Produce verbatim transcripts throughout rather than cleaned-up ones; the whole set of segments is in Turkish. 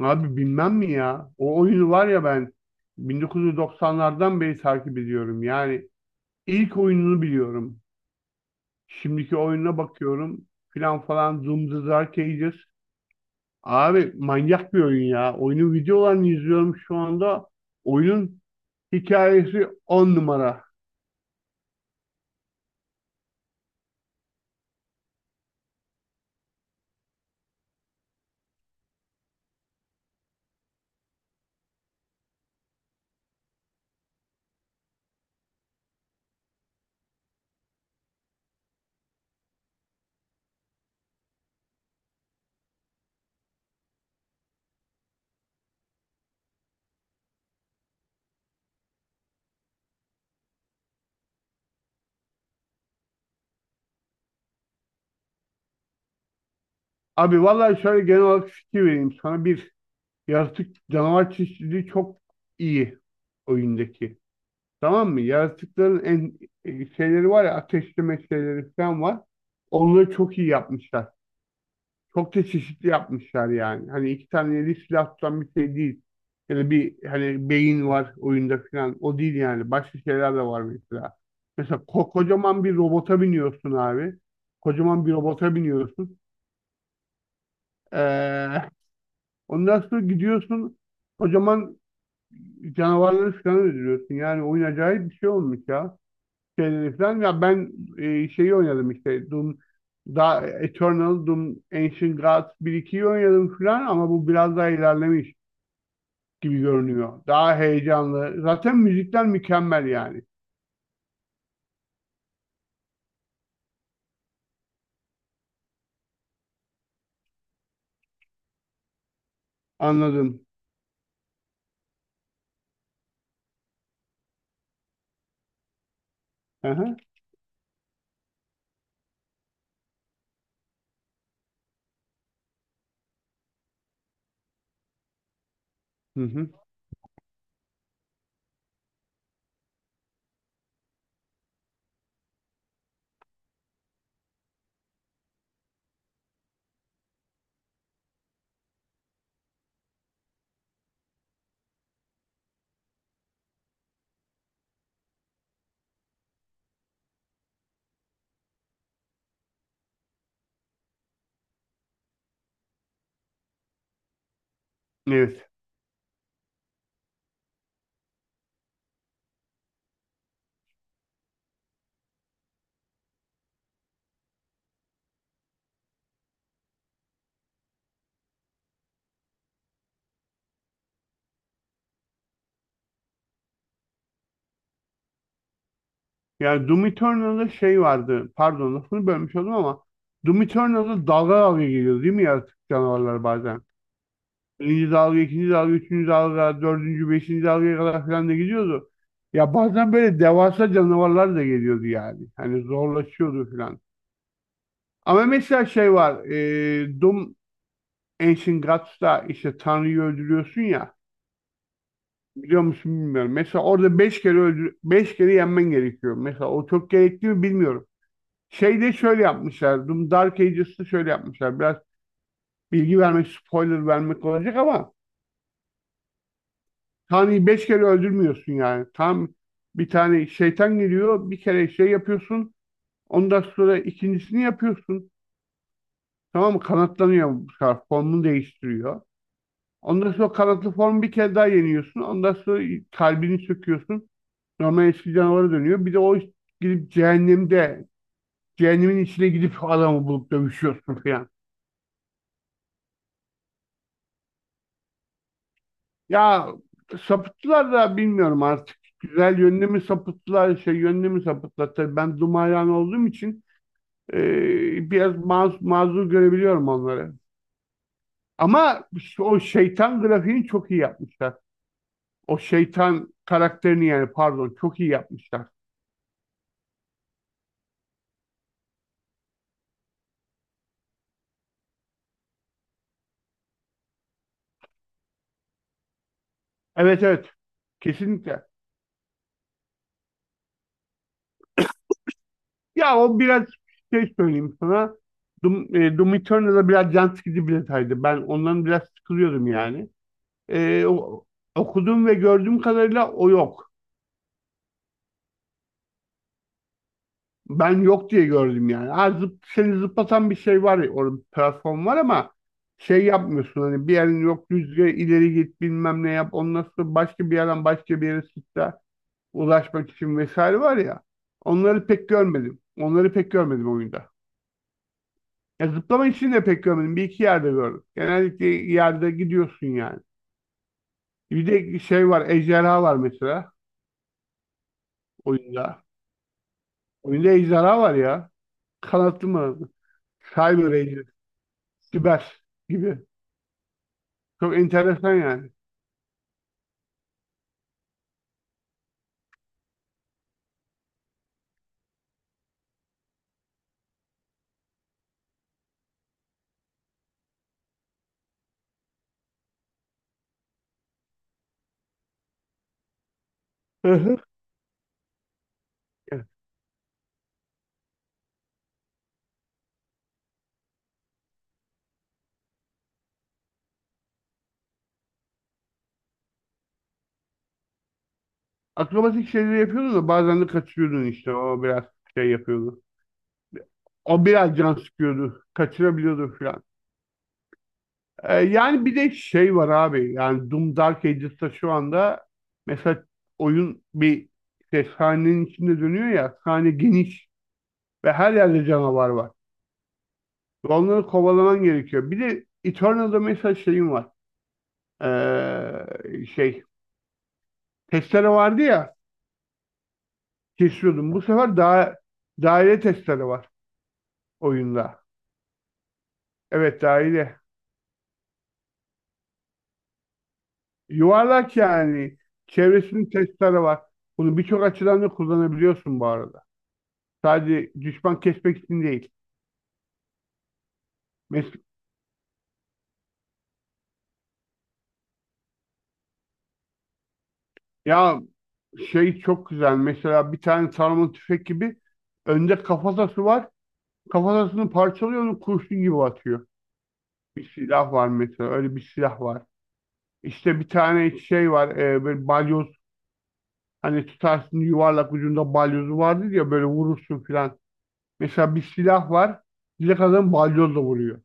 Abi bilmem mi ya? O oyunu var ya ben bin dokuz yüz doksanlardan beri takip ediyorum. Yani ilk oyununu biliyorum. Şimdiki oyununa bakıyorum filan falan, Doom the Dark Ages. Abi manyak bir oyun ya. Oyunun videolarını izliyorum şu anda. Oyunun hikayesi on numara. Abi vallahi şöyle genel olarak fikir vereyim sana. Bir, yaratık canavar çeşitliliği çok iyi oyundaki. Tamam mı? Yaratıkların en e, şeyleri var ya, ateşleme şeyleri falan var. Onları çok iyi yapmışlar. Çok da çeşitli yapmışlar yani. Hani iki tane eli silah tutan bir şey değil. Ya da bir hani beyin var oyunda falan. O değil yani. Başka şeyler de var mesela. Mesela ko- kocaman bir robota biniyorsun abi. Kocaman bir robota biniyorsun. Ee, ondan sonra gidiyorsun. Kocaman canavarları falan öldürüyorsun. Yani oyun acayip bir şey olmuş ya. Şeyleri falan. Ya ben e, şeyi oynadım işte Doom, da Eternal, Doom, Ancient Gods bir ikiyi oynadım falan ama bu biraz daha ilerlemiş gibi görünüyor. Daha heyecanlı. Zaten müzikler mükemmel yani. Anladım. Aha. Hı hı. Evet. Yani Doom Eternal'da şey vardı. Pardon, lafını bölmüş oldum ama Doom Eternal'da dalga dalga geliyor değil mi yaratık canavarlar bazen? Birinci dalga, ikinci dalga, üçüncü dalga, dördüncü, beşinci dalgaya kadar falan da gidiyordu. Ya bazen böyle devasa canavarlar da geliyordu yani. Hani zorlaşıyordu falan. Ama mesela şey var. E, Doom Ancient Gods'ta işte Tanrı'yı öldürüyorsun ya. Biliyor musun bilmiyorum. Mesela orada beş kere öldür, beş kere yenmen gerekiyor. Mesela o çok gerekli mi bilmiyorum. Şeyde şöyle yapmışlar. Doom Dark Ages'ta şöyle yapmışlar. Biraz bilgi vermek, spoiler vermek olacak ama Tanrı'yı beş kere öldürmüyorsun yani. Tam bir tane şeytan geliyor, bir kere şey yapıyorsun. Ondan sonra ikincisini yapıyorsun. Tamam mı? Kanatlanıyor bu sefer. Formunu değiştiriyor. Ondan sonra kanatlı formu bir kere daha yeniyorsun. Ondan sonra kalbini söküyorsun. Normal eski canavara dönüyor. Bir de o gidip cehennemde, cehennemin içine gidip adamı bulup dövüşüyorsun falan. Ya sapıttılar da bilmiyorum artık. Güzel yönünü mü sapıttılar, şey yönünü mü sapıttılar. Tabii ben Dumayan olduğum için Ee, biraz maz, mazur görebiliyorum onları. Ama o şeytan grafiğini çok iyi yapmışlar. O şeytan karakterini yani, pardon, çok iyi yapmışlar. Evet, evet, kesinlikle. Ya o biraz şey söyleyeyim sana. Doom, e, Doom Eternal'da biraz can sıkıcı bir detaydı. Ben ondan biraz sıkılıyordum yani. Ee, o- okuduğum ve gördüğüm kadarıyla o yok. Ben yok diye gördüm yani. Ha, zıp, seni zıplatan bir şey var ya, orada bir platform var ama şey yapmıyorsun, hani bir yerin yok rüzgar ileri git bilmem ne yap ondan sonra başka bir yerden başka bir yere sıçra ulaşmak için vesaire var ya, onları pek görmedim. Onları pek görmedim oyunda. Ya zıplama için de pek görmedim. Bir iki yerde gördüm. Genellikle yerde gidiyorsun yani. Bir de şey var, ejderha var mesela oyunda. Oyunda ejderha var ya. Kanatlı mı? Cyber Ranger, Siber gibi. Çok enteresan yani. Hı hı. Evet. Akrobatik şeyleri yapıyordu da bazen de kaçırıyordun işte. O biraz şey yapıyordu. O biraz can sıkıyordu. Kaçırabiliyordu falan. Ee, yani bir de şey var abi. Yani Doom Dark Ages'ta şu anda mesela oyun bir işte sahnenin içinde dönüyor ya. Sahne geniş ve her yerde canavar var. Ve onları kovalaman gerekiyor. Bir de Eternal'da mesela şeyim var. Ee, şey testere vardı ya, kesiyordum. Bu sefer daha daire testere var oyunda. Evet, daire. Yuvarlak yani. Çevresinin testere var. Bunu birçok açıdan da kullanabiliyorsun bu arada. Sadece düşman kesmek için değil. Mes- ya şey çok güzel. Mesela bir tane sarma tüfek gibi, önde kafatası var. Kafatasını parçalıyor, onu kurşun gibi atıyor. Bir silah var mesela. Öyle bir silah var. İşte bir tane şey var. E, böyle balyoz, hani tutarsın yuvarlak ucunda balyozu vardır ya, böyle vurursun filan. Mesela bir silah var. Bir kadın balyozla vuruyor.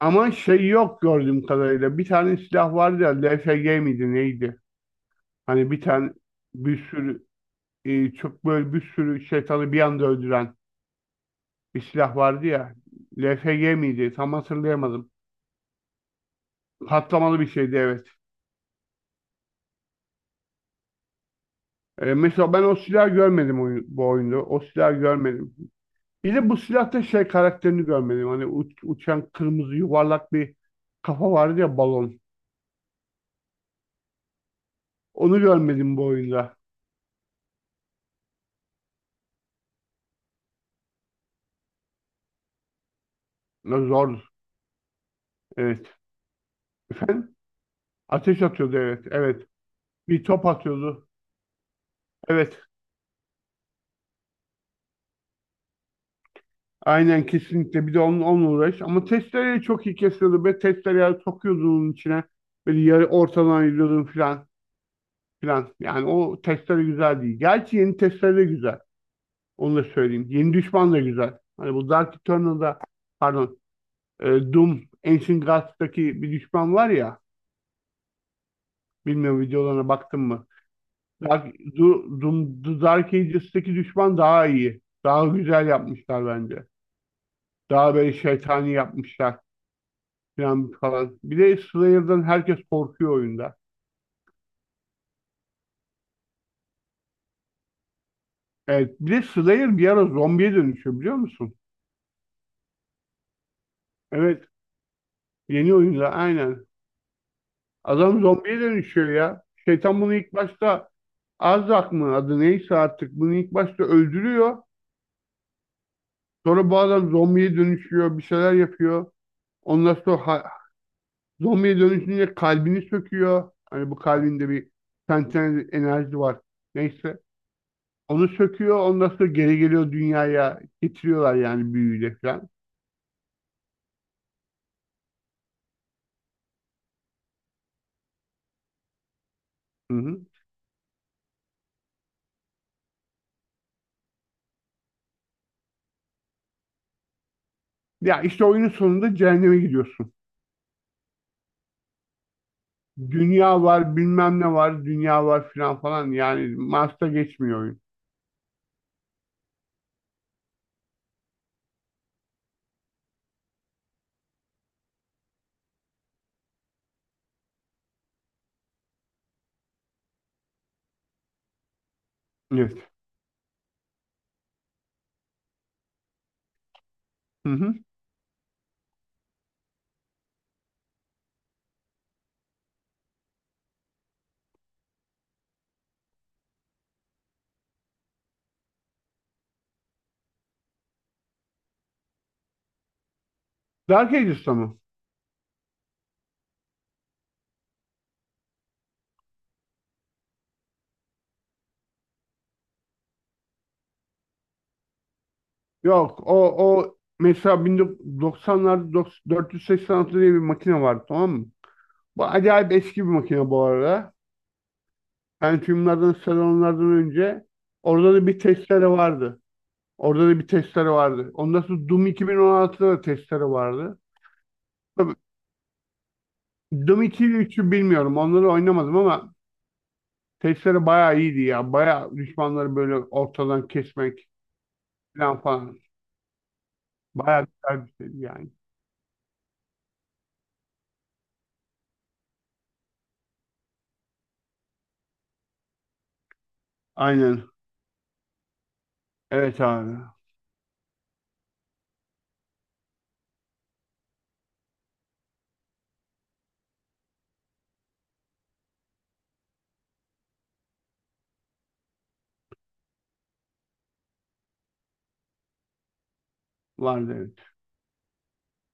Ama şey yok gördüğüm kadarıyla. Bir tane silah vardı ya. L F G miydi neydi? Hani bir tane bir sürü e, çok böyle bir sürü şeytanı bir anda öldüren bir silah vardı ya. L F G miydi? Tam hatırlayamadım. Patlamalı bir şeydi, evet. E, mesela ben o silahı görmedim oyun, bu oyunda. O silahı görmedim. Bir de bu silahta şey karakterini görmedim. Hani uç- uçan kırmızı yuvarlak bir kafa vardı ya, balon. Onu görmedim bu oyunda. Ne zor. Evet. Efendim? Ateş atıyordu, evet. Evet. Bir top atıyordu. Evet. Aynen, kesinlikle. Bir de onun, onunla uğraş. Ama testereyi çok iyi kesiyordu. Ve testereyi sokuyordun onun içine. Böyle yarı ortadan ayırıyordun filan filan. Yani o testere güzel değil. Gerçi yeni testere de güzel. Onu da söyleyeyim. Yeni düşman da güzel. Hani bu Dark Eternal'da, pardon, e, Doom Ancient Gods'taki bir düşman var ya. Bilmiyorum, videolarına baktın mı? Dark, Du- Doom, The Dark Ages'taki düşman daha iyi. Daha güzel yapmışlar bence. Daha böyle şeytani yapmışlar falan falan. Bir de Slayer'dan herkes korkuyor oyunda. Evet. Bir de Slayer bir ara zombiye dönüşüyor, biliyor musun? Evet. Yeni oyunda aynen. Adam zombiye dönüşüyor ya. Şeytan bunu ilk başta, Arzak mı adı neyse artık, bunu ilk başta öldürüyor. Sonra bu adam zombiye dönüşüyor, bir şeyler yapıyor. Ondan sonra ha- zombiye dönüşünce kalbini söküyor. Hani bu kalbinde bir sentez enerji var. Neyse. Onu söküyor. Ondan sonra geri geliyor dünyaya. Getiriyorlar yani, büyüyle falan. Hı hı. Ya işte oyunun sonunda cehenneme gidiyorsun. Dünya var, bilmem ne var, dünya var falan falan. Yani Mars'ta geçmiyor oyun. Evet. Hı hı. Dark Ages'ta mı? Yok, o o mesela bin dokuz yüz doksanlarda dört yüz seksen altı diye bir makine vardı, tamam mı? Bu acayip eski bir makine bu arada. Pentium'lardan, Celeron'lardan önce orada da bir testere vardı. Orada da bir testere vardı. Ondan sonra Doom iki bin on altıda da testere vardı. Tabii Doom iki ile üçü bilmiyorum. Onları oynamadım ama testere bayağı iyiydi ya. Bayağı düşmanları böyle ortadan kesmek falan falan. Bayağı güzel bir şeydi yani. Aynen. Evet abi. Vardı, evet.